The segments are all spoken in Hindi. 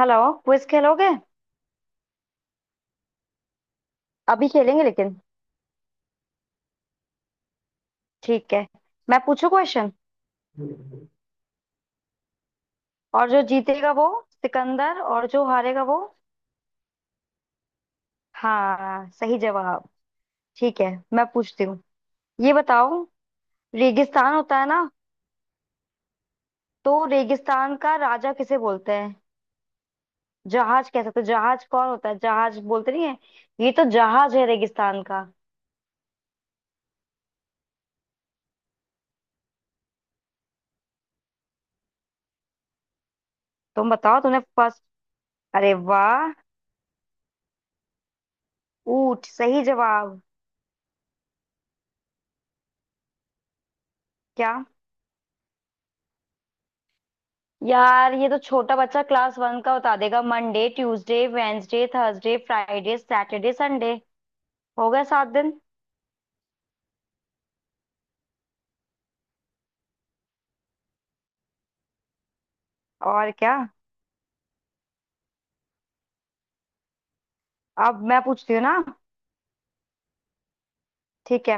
हेलो। क्विज खेलोगे? अभी खेलेंगे लेकिन, ठीक है। मैं पूछू क्वेश्चन। और जो जीतेगा वो सिकंदर, और जो हारेगा वो... हाँ, सही जवाब। ठीक है, मैं पूछती हूँ। ये बताओ, रेगिस्तान होता है ना, तो रेगिस्तान का राजा किसे बोलते हैं? जहाज कैसे? तो जहाज कौन होता है? जहाज बोलते नहीं है, ये तो जहाज है रेगिस्तान का। तुम बताओ तुमने फर्स्ट... अरे वाह! ऊंट, सही जवाब। क्या यार, ये तो छोटा बच्चा क्लास वन का उतार देगा। Monday, Tuesday, Wednesday, Thursday, Friday, Saturday, Sunday. हो गए 7 दिन। और क्या, अब मैं पूछती हूँ ना। ठीक है,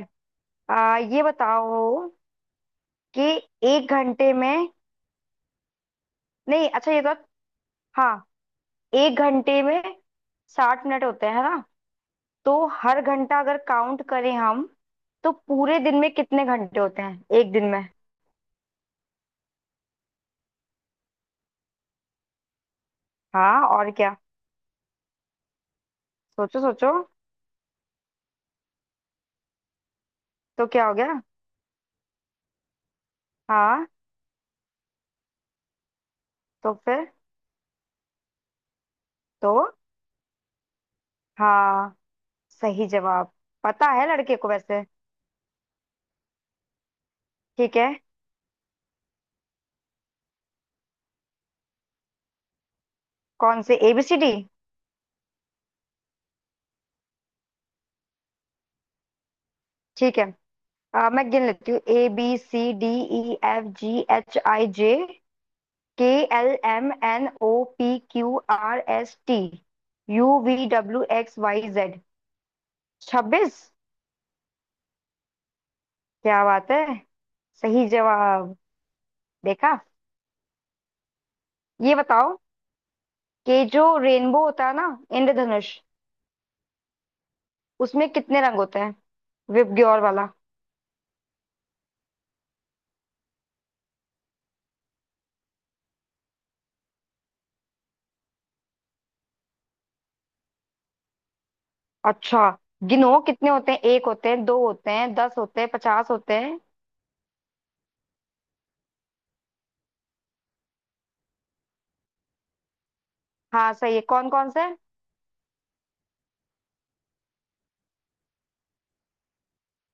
ये बताओ कि एक घंटे में... नहीं अच्छा, ये तो... हाँ, एक घंटे में 60 मिनट होते हैं है ना? तो हर घंटा अगर काउंट करें हम, तो पूरे दिन में कितने घंटे होते हैं, एक दिन में? हाँ, और क्या। सोचो सोचो, तो क्या हो गया? हाँ तो फिर? तो, हाँ, सही जवाब। पता है लड़के को वैसे। ठीक है। कौन से, ए बी सी डी? ठीक है, मैं गिन लेती हूँ। A B C D, E F G H I J, K, L M N O, P Q R S T, U V W X Y Z. 26। क्या बात है, सही जवाब। देखा। ये बताओ कि जो रेनबो होता है ना, इंद्रधनुष, उसमें कितने रंग होते हैं? विप ग्योर वाला। अच्छा, गिनो कितने होते हैं। एक होते हैं, दो होते हैं, 10 होते हैं, 50 होते हैं? हाँ, सही है। कौन कौन से?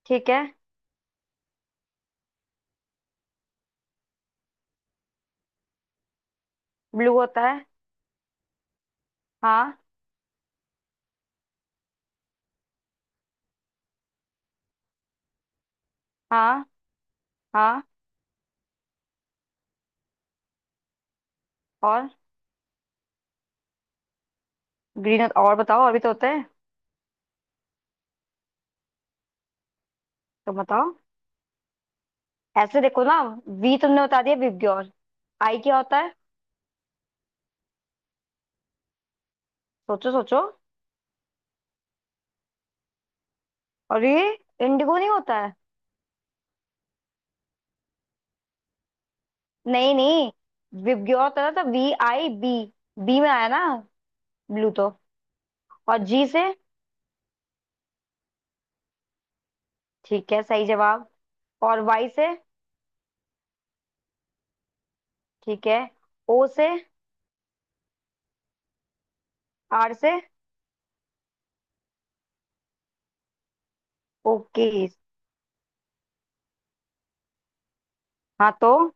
ठीक है। ब्लू होता है, हाँ, हाँ, हाँ, और ग्रीन होता? और बताओ, और भी तो होते हैं। तो बताओ, ऐसे देखो ना, वी तुमने बता दिया विवग्योर, आई क्या होता है? सोचो सोचो, और ये इंडिगो नहीं होता है? नहीं नहीं, विवग्योर होता है ना, तो वी आई बी, बी में आया ना ब्लू, तो और जी से? ठीक है, सही जवाब। और वाई से? ठीक है। ओ से? आर से? ओके। हाँ तो,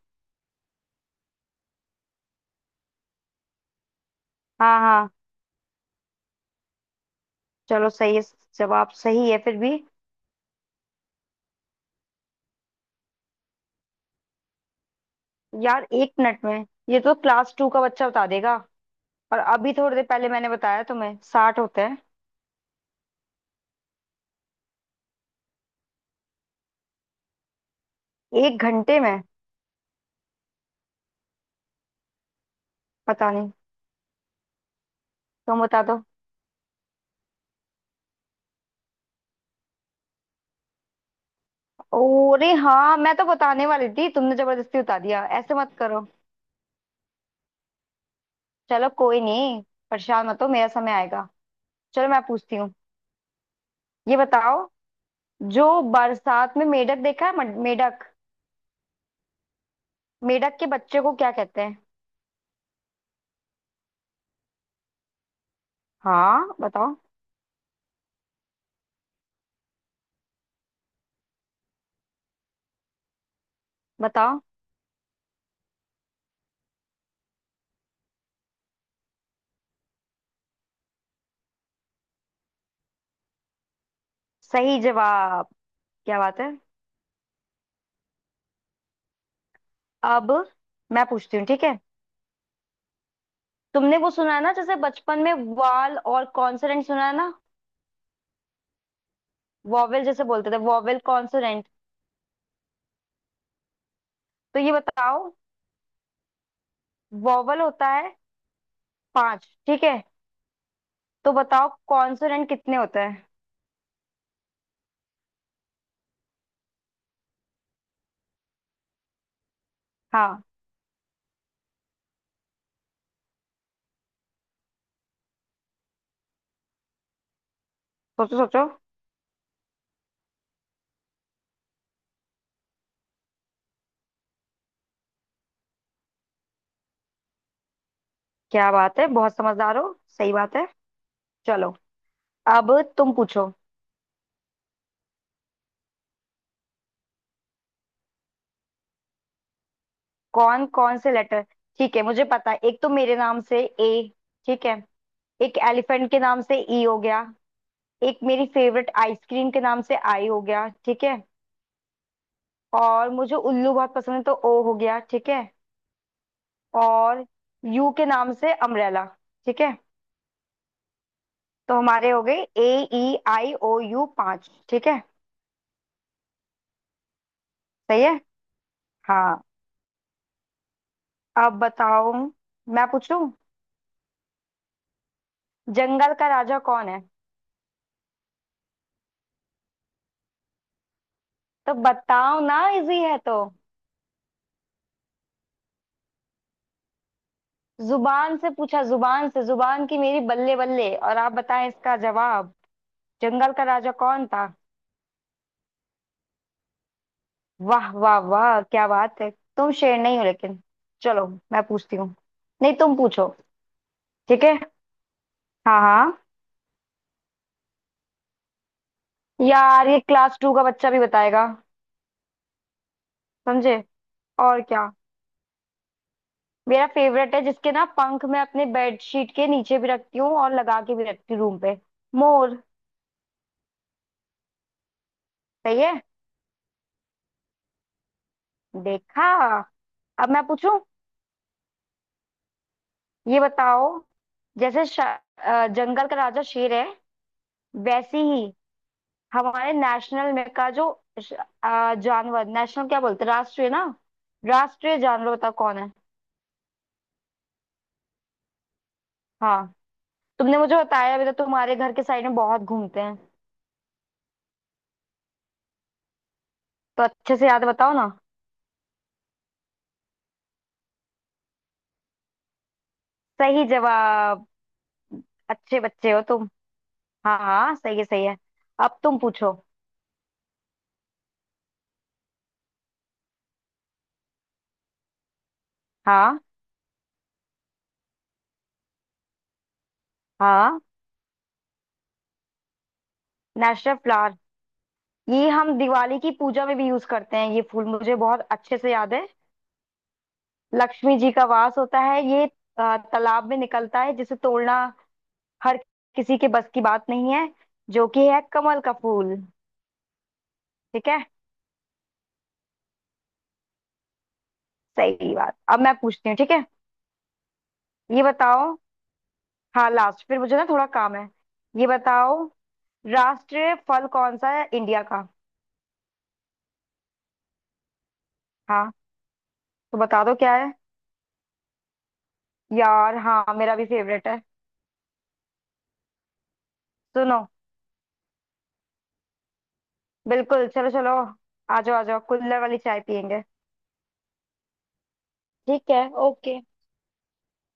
हाँ हाँ, चलो सही है, जवाब सही है फिर भी। यार एक मिनट में ये तो क्लास टू का बच्चा बता देगा। और अभी थोड़ी देर पहले मैंने बताया तुम्हें, 60 होते हैं। एक घंटे में पता नहीं, तुम बता दो। अरे हाँ, मैं तो बताने वाली थी, तुमने जबरदस्ती बता दिया, ऐसे मत करो। चलो कोई नहीं, परेशान मत हो, मेरा समय आएगा। चलो मैं पूछती हूँ। ये बताओ, जो बरसात में मेढक देखा है, मेढक, मेढक के बच्चे को क्या कहते हैं? हाँ बताओ। बताओ। सही जवाब, क्या बात है। अब मैं पूछती हूँ, ठीक है। तुमने वो सुना है ना, जैसे बचपन में वाल और कॉन्सोनेंट, सुना है ना? वॉवेल जैसे बोलते थे, वॉवेल कॉन्सोनेंट। तो ये बताओ, वॉवेल होता है पांच, ठीक है? तो बताओ, कॉन्सोनेंट कितने होते हैं? हाँ, सोचो सोचो। क्या बात है, बहुत समझदार हो, सही बात है। चलो, अब तुम पूछो। कौन कौन से लेटर? ठीक है, मुझे पता है। एक तो मेरे नाम से ए, ठीक है। एक एलिफेंट के नाम से ई हो गया। एक मेरी फेवरेट आइसक्रीम के नाम से आई हो गया, ठीक है। और मुझे उल्लू बहुत पसंद है, तो ओ हो गया, ठीक है। और यू के नाम से अम्ब्रेला, ठीक है। तो हमारे हो गए A, E, I, O, U, पांच, ठीक है। सही है। हाँ, अब बताओ, मैं पूछूं? जंगल का राजा कौन है? तो बताओ ना, इजी है तो। जुबान से पूछा जुबान से, जुबान की मेरी बल्ले बल्ले। और आप बताएं इसका जवाब, जंगल का राजा कौन था? वाह वाह वाह, क्या बात है। तुम शेर नहीं हो लेकिन। चलो मैं पूछती हूँ, नहीं तुम पूछो। ठीक है, हाँ हाँ। यार ये क्लास टू का बच्चा भी बताएगा। समझे, और क्या। मेरा फेवरेट है, जिसके ना पंख मैं अपने बेडशीट के नीचे भी रखती हूँ, और लगा के भी रखती हूँ रूम पे। मोर। सही है, देखा। अब मैं पूछूं, ये बताओ, जैसे जंगल का राजा शेर है, वैसे ही हमारे नेशनल में का जो श- जानवर, नेशनल क्या बोलते हैं, राष्ट्रीय ना। राष्ट्रीय जानवर बता कौन है? हाँ, तुमने मुझे बताया अभी, तो तुम्हारे घर के साइड में बहुत घूमते हैं। तो अच्छे से याद, बताओ ना। सही जवाब, अच्छे बच्चे हो तुम। हाँ हाँ, सही है सही है। अब तुम पूछो। हाँ हाँ। नेशनल फ्लावर, ये हम दिवाली की पूजा में भी यूज करते हैं ये फूल, मुझे बहुत अच्छे से याद है। लक्ष्मी जी का वास होता है, ये तालाब में निकलता है, जिसे तोड़ना हर किसी के बस की बात नहीं है, जो कि है कमल का फूल। ठीक है, सही बात। अब मैं पूछती हूँ, ठीक है। ये बताओ, हाँ लास्ट, फिर मुझे ना थोड़ा काम है। ये बताओ, राष्ट्रीय फल कौन सा है इंडिया का? हाँ, तो बता दो क्या है। यार हाँ, मेरा भी फेवरेट है। सुनो, बिल्कुल चलो चलो, आ जाओ आ जाओ, कुल्हड़ वाली चाय पियेंगे। ठीक है, ओके।